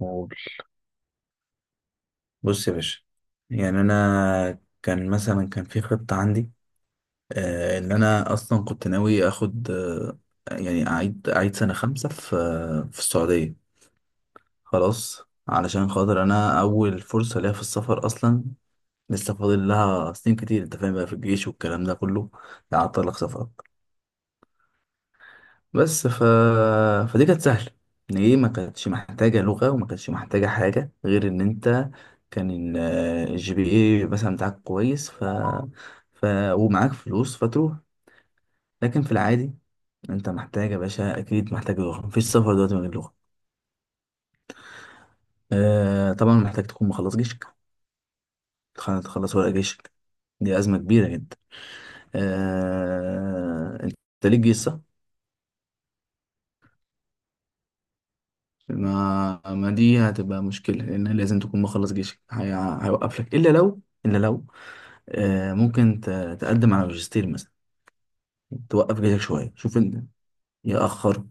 قول. بص يا باشا، يعني انا كان في خطة عندي، ان انا اصلا كنت ناوي اخد، يعني اعيد سنة 5 في السعودية. خلاص، علشان خاطر انا اول فرصة ليا في السفر اصلا، لسه فاضل لها سنين كتير. انت فاهم بقى، في الجيش والكلام ده كله، ده عطلك سفر. بس فدي كانت سهلة، ان ايه، ما كانتش محتاجة لغة وما كانتش محتاجة حاجة غير ان انت كان الجي بي اي مثلا بتاعك كويس، ف... ومعاك فلوس فتروح. لكن في العادي، انت محتاج يا باشا، اكيد محتاج لغة، مفيش سفر دلوقتي من غير لغة. طبعا محتاج تكون مخلص جيشك، تخلص ورق جيشك. دي أزمة كبيرة جدا. انت ليك جيش صح؟ ما دي هتبقى مشكلة، لأن لازم تكون مخلص جيشك. هيوقف لك، إلا لو ممكن تقدم على ماجستير مثلا، توقف جيشك شوية، شوف أنت. يأخر.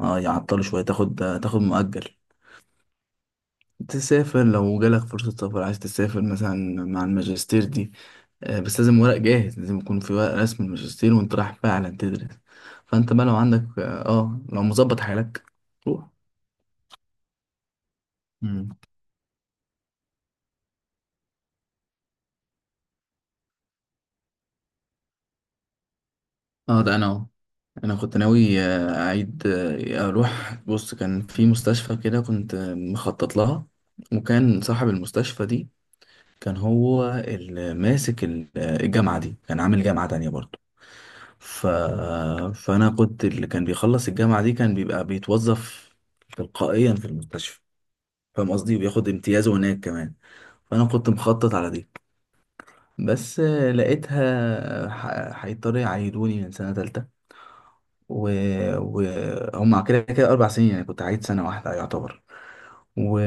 يعطله شوية، تاخد مؤجل، تسافر لو جالك فرصة سفر، عايز تسافر مثلا مع الماجستير دي. بس لازم ورق جاهز، لازم يكون في ورق رسم الماجستير وأنت رايح فعلا تدرس. فأنت بقى لو عندك، لو مظبط حالك، روح. مم. اه ده انا أهو. انا كنت ناوي اعيد اروح، بص كان في مستشفى كده، كنت مخطط لها. وكان صاحب المستشفى دي كان هو اللي ماسك الجامعة دي، كان عامل جامعة تانية برضو. ف... فانا كنت، اللي كان بيخلص الجامعة دي كان بيبقى بيتوظف تلقائيا في المستشفى، فاهم قصدي، وبياخد امتيازه هناك كمان. فانا كنت مخطط على دي. بس لقيتها، هيضطروا يعيدوني من سنة تالتة. و... وهم كده كده 4 سنين يعني، كنت عايد سنة واحدة يعتبر. و...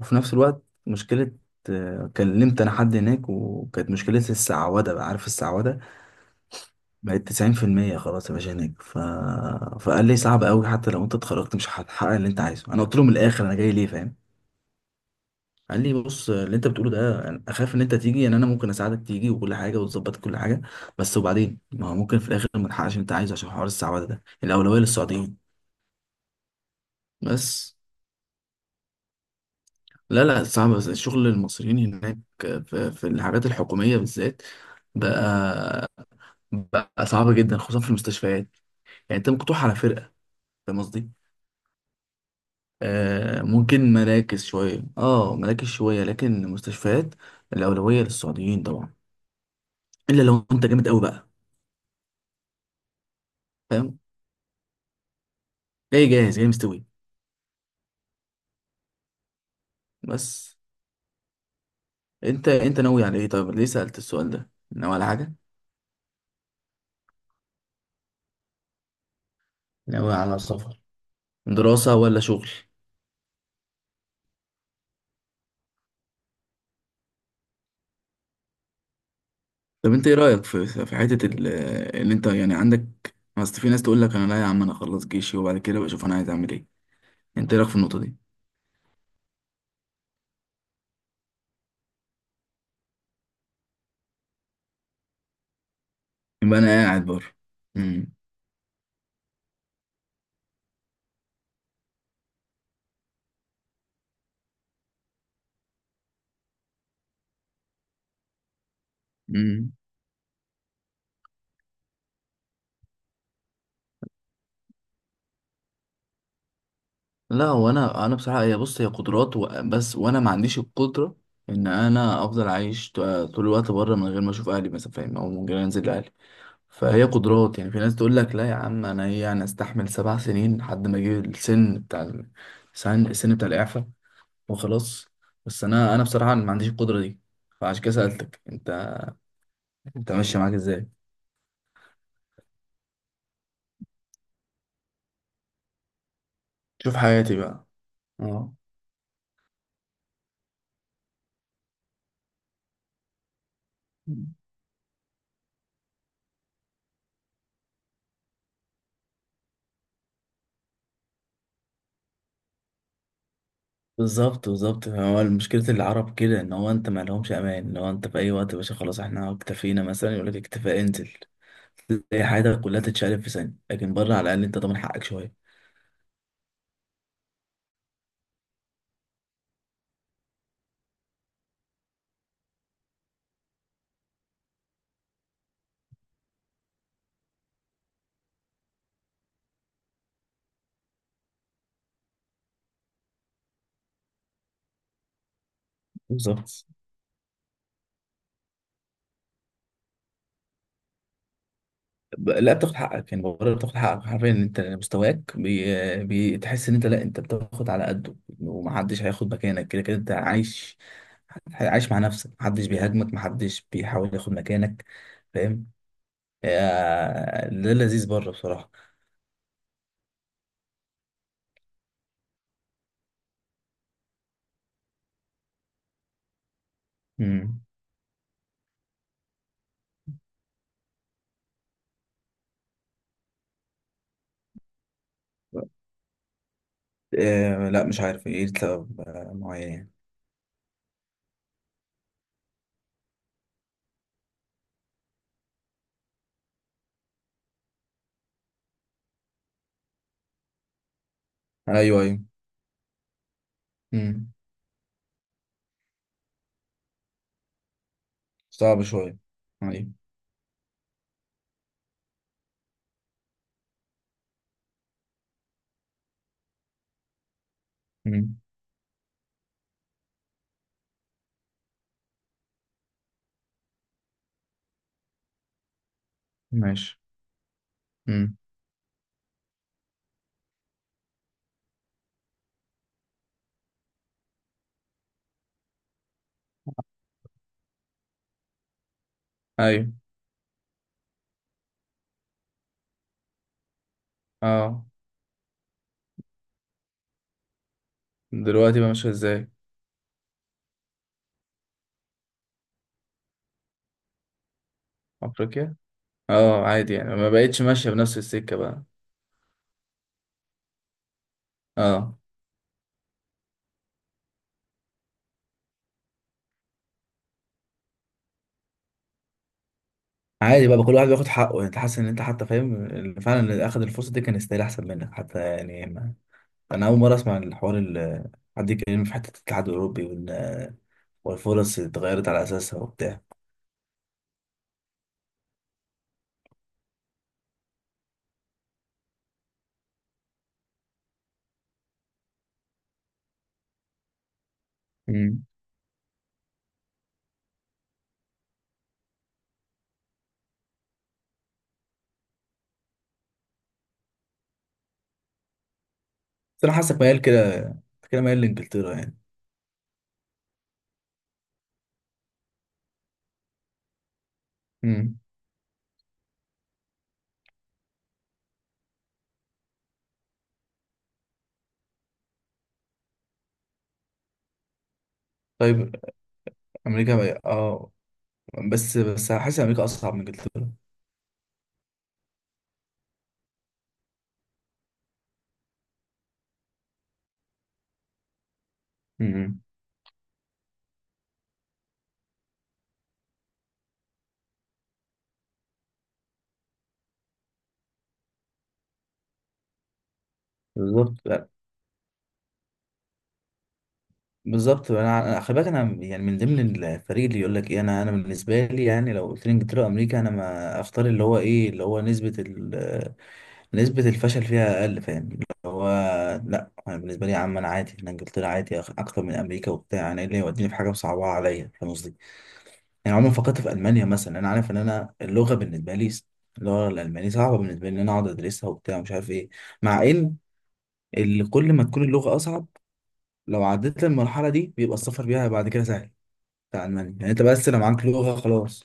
وفي نفس الوقت مشكلة. كلمت أنا حد هناك، وكانت مشكلة السعودة، بقى عارف السعودة، بقت 90% خلاص يا باشا هناك. فقال لي صعب أوي، حتى لو أنت اتخرجت مش هتحقق اللي أنت عايزه. أنا قلت له من الآخر، أنا جاي ليه فاهم. قال لي بص، اللي أنت بتقوله ده أنا أخاف إن أنت تيجي، يعني أنا ممكن أساعدك تيجي وكل حاجة وتظبط كل حاجة، بس وبعدين ما هو ممكن في الآخر ما تحققش اللي أنت عايزه عشان حوار السعودة ده، الأولوية للسعوديين. بس. لا لا صعب، بس الشغل المصريين هناك في الحاجات الحكومية بالذات، بقى بقى صعب جدا، خصوصا في المستشفيات. يعني انت مقطوع على فرقة، فاهم قصدي؟ ممكن مراكز شوية، لكن المستشفيات الأولوية للسعوديين طبعا، إلا لو انت جامد قوي بقى. فاهم؟ جاي جاهز، جاي مستوي. بس انت ناوي على ايه؟ طيب ليه سألت السؤال ده؟ ناوي على حاجة؟ ناوي على سفر، دراسة ولا شغل؟ طب انت ايه رأيك في حتة اللي انت يعني عندك، اصل في ناس تقول لك انا لا يا عم، انا اخلص جيشي وبعد كده بشوف انا عايز اعمل ايه. انت ايه رأيك في النقطة دي؟ يبقى انا قاعد بره. امم. امم. لا هو انا بصراحة هي، بص هي قدرات، بس وانا ما عنديش القدرة ان انا افضل عايش، طول الوقت بره من غير ما اشوف اهلي مثلا، فاهم، او من غير انزل لاهلي. فهي قدرات، يعني في ناس تقول لك لا يا عم انا، انا استحمل 7 سنين لحد ما اجي السن بتاع، السن بتاع الإعفاء وخلاص. بس انا بصراحه ما عنديش القدره دي، فعشان كده سالتك انت، انت ماشيه معاك ازاي؟ شوف حياتي بقى. اه. بالظبط بالظبط، هو مشكله العرب كده، ان هو انت ما لهمش امان، ان هو انت في اي وقت يا باشا، خلاص احنا اكتفينا مثلا، يقول لك اكتفاء انزل. تلاقي حياتك كلها تتشقلب في ثانيه، لكن بره على الاقل انت ضامن حقك شويه. بالظبط، لا بتاخد حقك يعني، بره بتاخد حقك حرفيا، انت مستواك بتحس ان انت، لا انت بتاخد على قده، ومحدش هياخد مكانك، كده كده انت عايش، مع نفسك، محدش بيهاجمك، محدش بيحاول ياخد مكانك، فاهم. ده لذيذ بره بصراحة. مم. لا مش عارف ايه لسبب معين. يعني ايوه، ايوه. مم. صعب شوية. ايوه. مم. ماشي. مم. ايوه. اه. دلوقتي بقى ماشية ازاي؟ افريقيا. اه عادي يعني، ما بقتش ماشية بنفس السكة بقى. اه عادي بقى، كل واحد بياخد حقه يعني، انت حاسس ان انت حتى فاهم اللي فعلا، اخد الفرصة دي كان يستاهل احسن منك حتى يعني. انا اول مره اسمع الحوار، اللي حد يتكلم في حته الاتحاد الاوروبي، وان والفرص اتغيرت على اساسها وبتاع. امم. بس انا حاسك ميال كده، أنت كده ميال لانجلترا يعني. امم. طيب. امريكا بقى. اه. بس حاسس امريكا اصعب من انجلترا. امم. بالظبط، لا، بالظبط انا، خلي بالك انا يعني من ضمن الفريق اللي يقول لك ايه، انا، بالنسبه لي يعني لو قلت لي انجلترا وامريكا، انا ما اختار اللي هو ايه، اللي هو نسبه، نسبة الفشل فيها أقل، فاهم اللي هو. لأ أنا بالنسبة لي يا عم، أنا عادي، أنا إنجلترا عادي أكتر من أمريكا وبتاع، أنا إيه اللي يوديني في حاجة مصعبة عليا، فاهم قصدي؟ يعني عمري ما فكرت في ألمانيا مثلا، أنا عارف إن أنا اللغة بالنسبة لي اللغة الألمانية صعبة بالنسبة لي، إن أنا أقعد أدرسها وبتاع ومش عارف إيه. مع إن كل ما تكون اللغة أصعب، لو عديت المرحلة دي بيبقى السفر بيها بعد كده سهل. بتاع المانيا يعني، انت بس لو معاك لغه خلاص.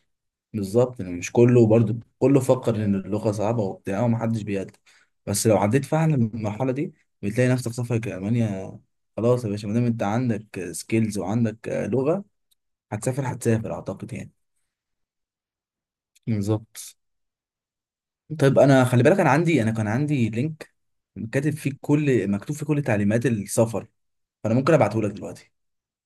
بالظبط، يعني مش كله، برضو كله فكر ان اللغه صعبه وبتاع ومحدش بيقدر. بس لو عديت فعلا المرحله دي بتلاقي نفسك سافرك المانيا. خلاص يا باشا، ما دام انت عندك سكيلز وعندك لغه، هتسافر، اعتقد يعني. بالظبط. طيب انا خلي بالك، انا عندي انا كان عندي لينك، كاتب فيه كل مكتوب فيه كل تعليمات السفر، فانا ممكن ابعته لك دلوقتي.